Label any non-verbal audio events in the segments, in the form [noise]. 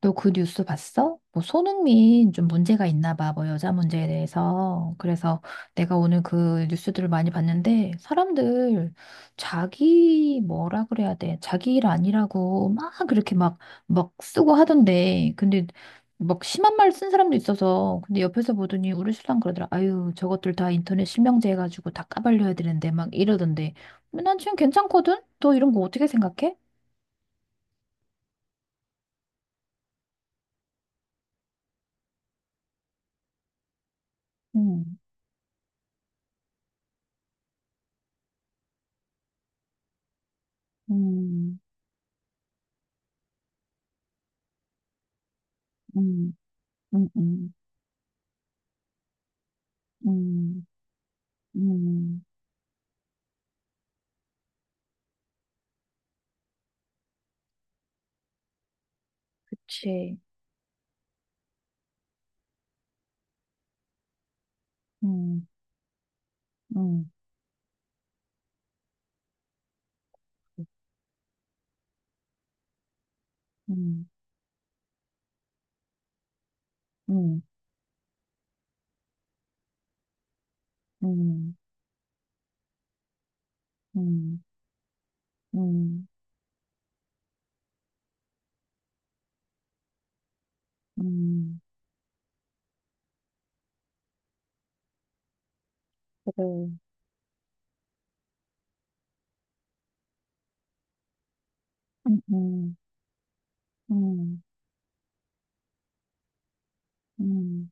너 그 뉴스 봤어? 뭐 손흥민 좀 문제가 있나 봐. 뭐 여자 문제에 대해서. 그래서 내가 오늘 그 뉴스들을 많이 봤는데 사람들 자기 뭐라 그래야 돼? 자기 일 아니라고 막 그렇게 막 쓰고 하던데. 근데 막 심한 말 쓴 사람도 있어서 근데 옆에서 보더니 우리 신랑 그러더라. 아유, 저것들 다 인터넷 실명제 해가지고 다 까발려야 되는데 막 이러던데. 근데 난 지금 괜찮거든? 너 이런 거 어떻게 생각해? 음, 음, 음, 음, 음. 음, 음, 그치. 음, 음, 음, 음, 음, 음, 음, 음, 그래. 음, 음, 음, 음.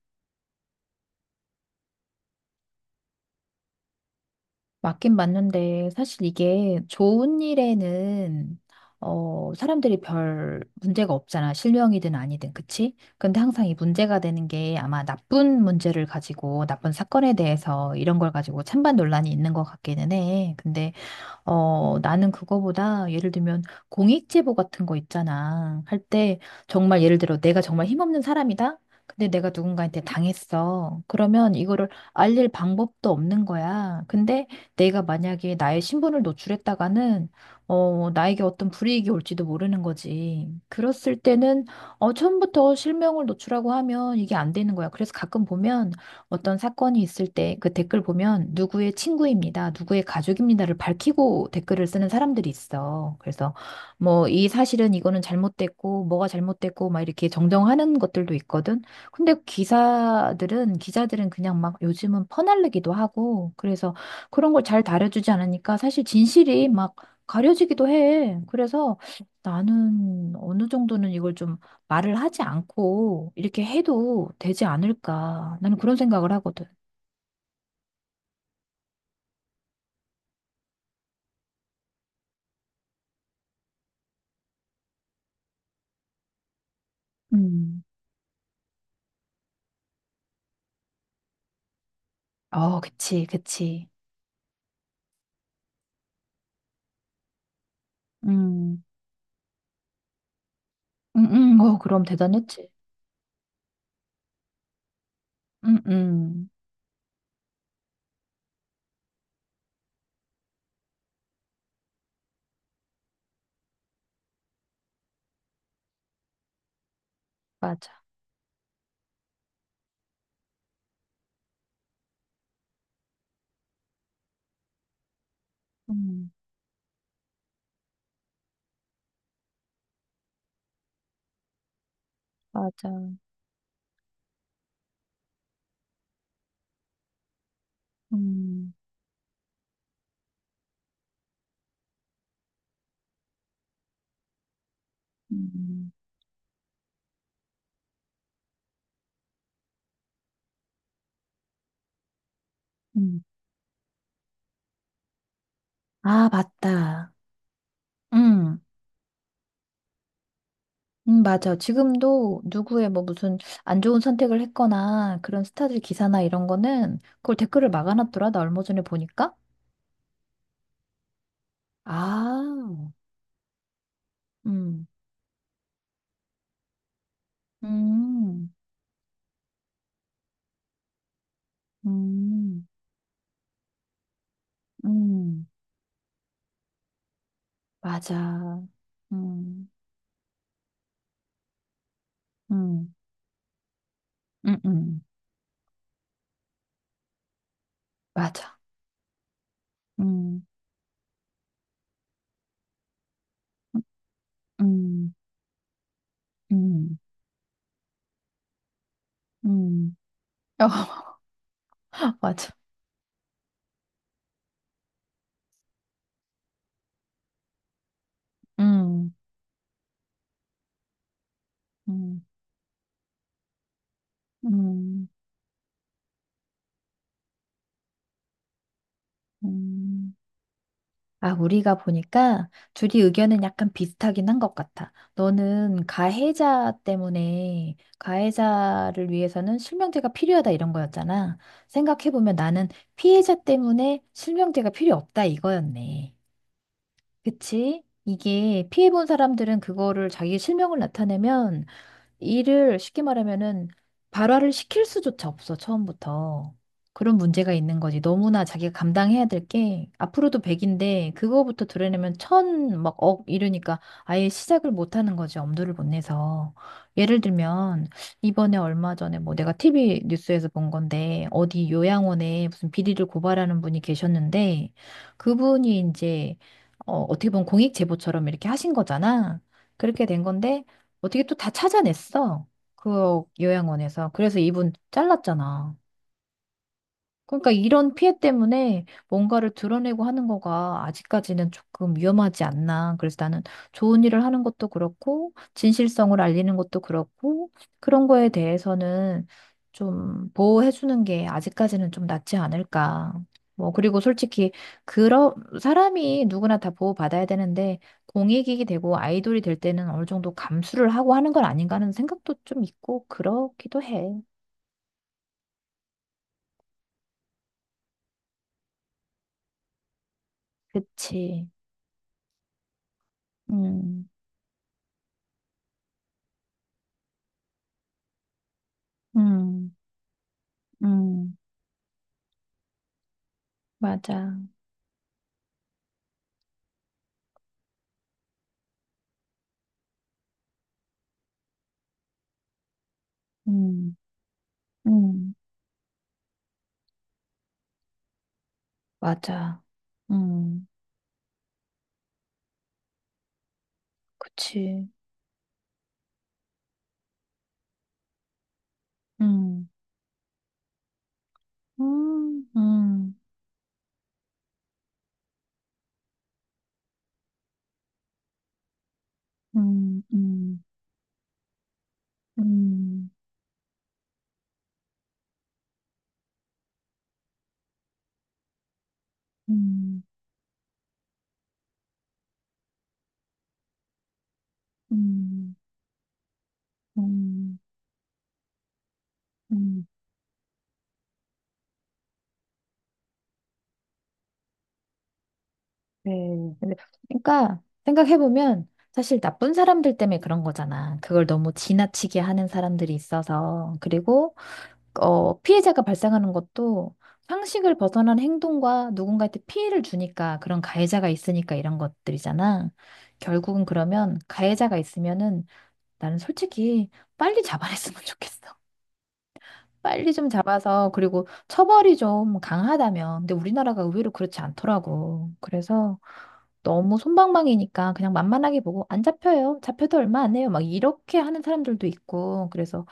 맞긴 맞는데, 사실 이게 좋은 일에는, 어, 사람들이 별 문제가 없잖아. 실명이든 아니든, 그치? 근데 항상 이 문제가 되는 게 아마 나쁜 문제를 가지고, 나쁜 사건에 대해서 이런 걸 가지고 찬반 논란이 있는 것 같기는 해. 근데 어, 나는 그거보다 예를 들면 공익 제보 같은 거 있잖아. 할 때 정말 예를 들어 내가 정말 힘없는 사람이다. 근데 내가 누군가한테 당했어. 그러면 이거를 알릴 방법도 없는 거야. 근데 내가 만약에 나의 신분을 노출했다가는 어, 나에게 어떤 불이익이 올지도 모르는 거지. 그랬을 때는 어, 처음부터 실명을 노출하고 하면 이게 안 되는 거야. 그래서 가끔 보면 어떤 사건이 있을 때 그 댓글 보면 누구의 친구입니다, 누구의 가족입니다를 밝히고 댓글을 쓰는 사람들이 있어. 그래서 뭐 이 사실은 이거는 잘못됐고 뭐가 잘못됐고 막 이렇게 정정하는 것들도 있거든. 근데 기사들은 기자들은 그냥 막 요즘은 퍼날르기도 하고 그래서 그런 걸 잘 다뤄주지 않으니까 사실 진실이 막 가려지기도 해. 그래서 나는 어느 정도는 이걸 좀 말을 하지 않고 이렇게 해도 되지 않을까. 나는 그런 생각을 하거든. 음. 어, 그치, 그치. 음. 음, 어, 그럼 대단했지. 음, 음. 맞아. 음, 맞아. 음, 음, 음. 아, 맞다. 음. 맞아. 지금도 누구의 뭐 무슨 안 좋은 선택을 했거나 그런 스타들 기사나 이런 거는 그걸 댓글을 막아놨더라. 나 얼마 전에 보니까. 아, 음, 음. 음, 음, 맞아. 음, 음, 음, 음, 맞아. 음, 음, 음, 음, 어, [laughs] 맞아. 음, 음, 음, 음. 아, 우리가 보니까 둘이 의견은 약간 비슷하긴 한 것 같아. 너는 가해자 때문에 가해자를 위해서는 실명제가 필요하다 이런 거였잖아. 생각해보면 나는 피해자 때문에 실명제가 필요 없다 이거였네. 그치? 이게 피해본 사람들은 그거를 자기 실명을 나타내면 일을 쉽게 말하면은 발화를 시킬 수조차 없어, 처음부터. 그런 문제가 있는 거지. 너무나 자기가 감당해야 될 게, 앞으로도 100인데, 그거부터 드러내면 천 막, 억, 이러니까 아예 시작을 못 하는 거지, 엄두를 못 내서. 예를 들면, 이번에 얼마 전에 뭐 내가 TV 뉴스에서 본 건데, 어디 요양원에 무슨 비리를 고발하는 분이 계셨는데, 그분이 이제, 어, 어떻게 보면 공익 제보처럼 이렇게 하신 거잖아. 그렇게 된 건데, 어떻게 또 다 찾아냈어? 그 요양원에서. 그래서 이분 잘랐잖아. 그러니까 이런 피해 때문에 뭔가를 드러내고 하는 거가 아직까지는 조금 위험하지 않나. 그래서 나는 좋은 일을 하는 것도 그렇고, 진실성을 알리는 것도 그렇고, 그런 거에 대해서는 좀 보호해주는 게 아직까지는 좀 낫지 않을까. 뭐, 그리고 솔직히, 그런, 사람이 누구나 다 보호받아야 되는데, 공익이 되고 아이돌이 될 때는 어느 정도 감수를 하고 하는 건 아닌가 하는 생각도 좀 있고, 그렇기도 해. 그치. 음. 음. 음, 맞아. 음, 음, 맞아. 음, 그치. 음, 음, 음, 음, 음, 음, 음, 음, 음, 음. 네. 근데, 그러니까, 생각해보면, 사실 나쁜 사람들 때문에 그런 거잖아. 그걸 너무 지나치게 하는 사람들이 있어서. 그리고, 어, 피해자가 발생하는 것도 상식을 벗어난 행동과 누군가한테 피해를 주니까 그런 가해자가 있으니까 이런 것들이잖아. 결국은 그러면 가해자가 있으면은 나는 솔직히 빨리 잡아냈으면 [laughs] 좋겠어. 빨리 좀 잡아서 그리고 처벌이 좀 강하다면. 근데 우리나라가 의외로 그렇지 않더라고. 그래서 너무 솜방망이니까 그냥 만만하게 보고 안 잡혀요. 잡혀도 얼마 안 해요. 막 이렇게 하는 사람들도 있고. 그래서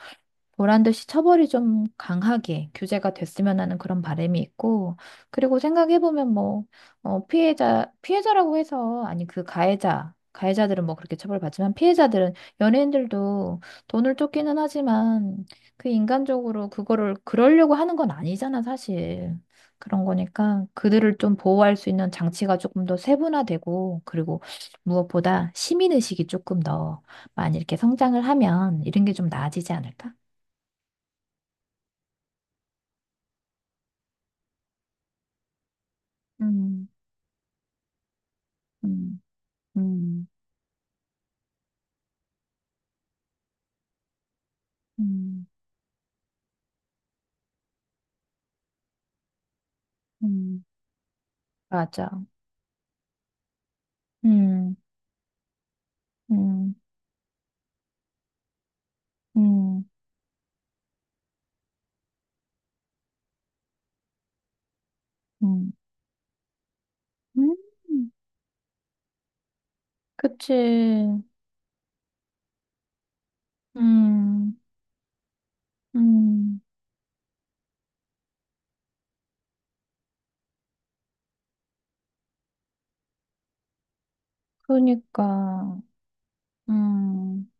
보란 듯이 처벌이 좀 강하게 규제가 됐으면 하는 그런 바람이 있고, 그리고 생각해보면 뭐, 어, 피해자, 피해자라고 해서, 아니, 그 가해자, 가해자들은 뭐 그렇게 처벌받지만 피해자들은 연예인들도 돈을 쫓기는 하지만 그 인간적으로 그거를 그러려고 하는 건 아니잖아, 사실. 그런 거니까 그들을 좀 보호할 수 있는 장치가 조금 더 세분화되고, 그리고 무엇보다 시민의식이 조금 더 많이 이렇게 성장을 하면 이런 게 좀 나아지지 않을까? 음, 음, 음, 음, 음, 맞아. 음, 음, 음, 음, 음, 그치. 음, 음, 그러니까, 음,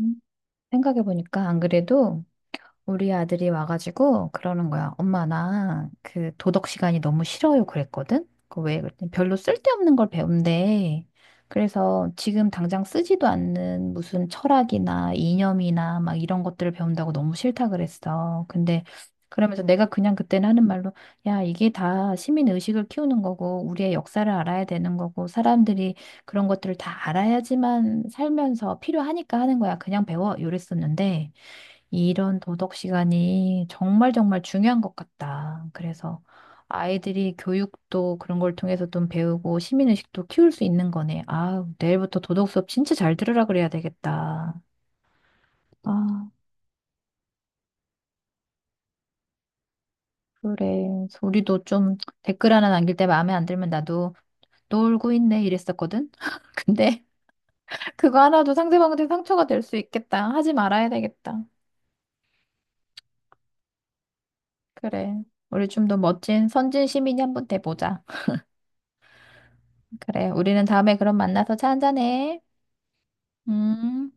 음. 생각해보니까 안 그래도, 우리 아들이 와가지고 그러는 거야. 엄마, 나 그 도덕 시간이 너무 싫어요. 그랬거든? 그왜 그랬더니 별로 쓸데없는 걸 배운대. 그래서 지금 당장 쓰지도 않는 무슨 철학이나 이념이나 막 이런 것들을 배운다고 너무 싫다 그랬어. 근데 그러면서 내가 그냥 그때는 하는 말로 야, 이게 다 시민 의식을 키우는 거고 우리의 역사를 알아야 되는 거고 사람들이 그런 것들을 다 알아야지만 살면서 필요하니까 하는 거야. 그냥 배워. 이랬었는데 이런 도덕 시간이 정말 정말 중요한 것 같다. 그래서 아이들이 교육도 그런 걸 통해서 좀 배우고 시민의식도 키울 수 있는 거네. 아, 내일부터 도덕 수업 진짜 잘 들으라 그래야 되겠다. 아, 그래. 우리도 좀 댓글 하나 남길 때 마음에 안 들면 나도 놀고 있네 이랬었거든. [laughs] 근데 그거 하나도 상대방한테 상처가 될 수 있겠다. 하지 말아야 되겠다. 그래. 우리 좀 더 멋진 선진 시민이 한번 돼보자. 그래. 우리는 다음에 그럼 만나서 차 한잔해. 음,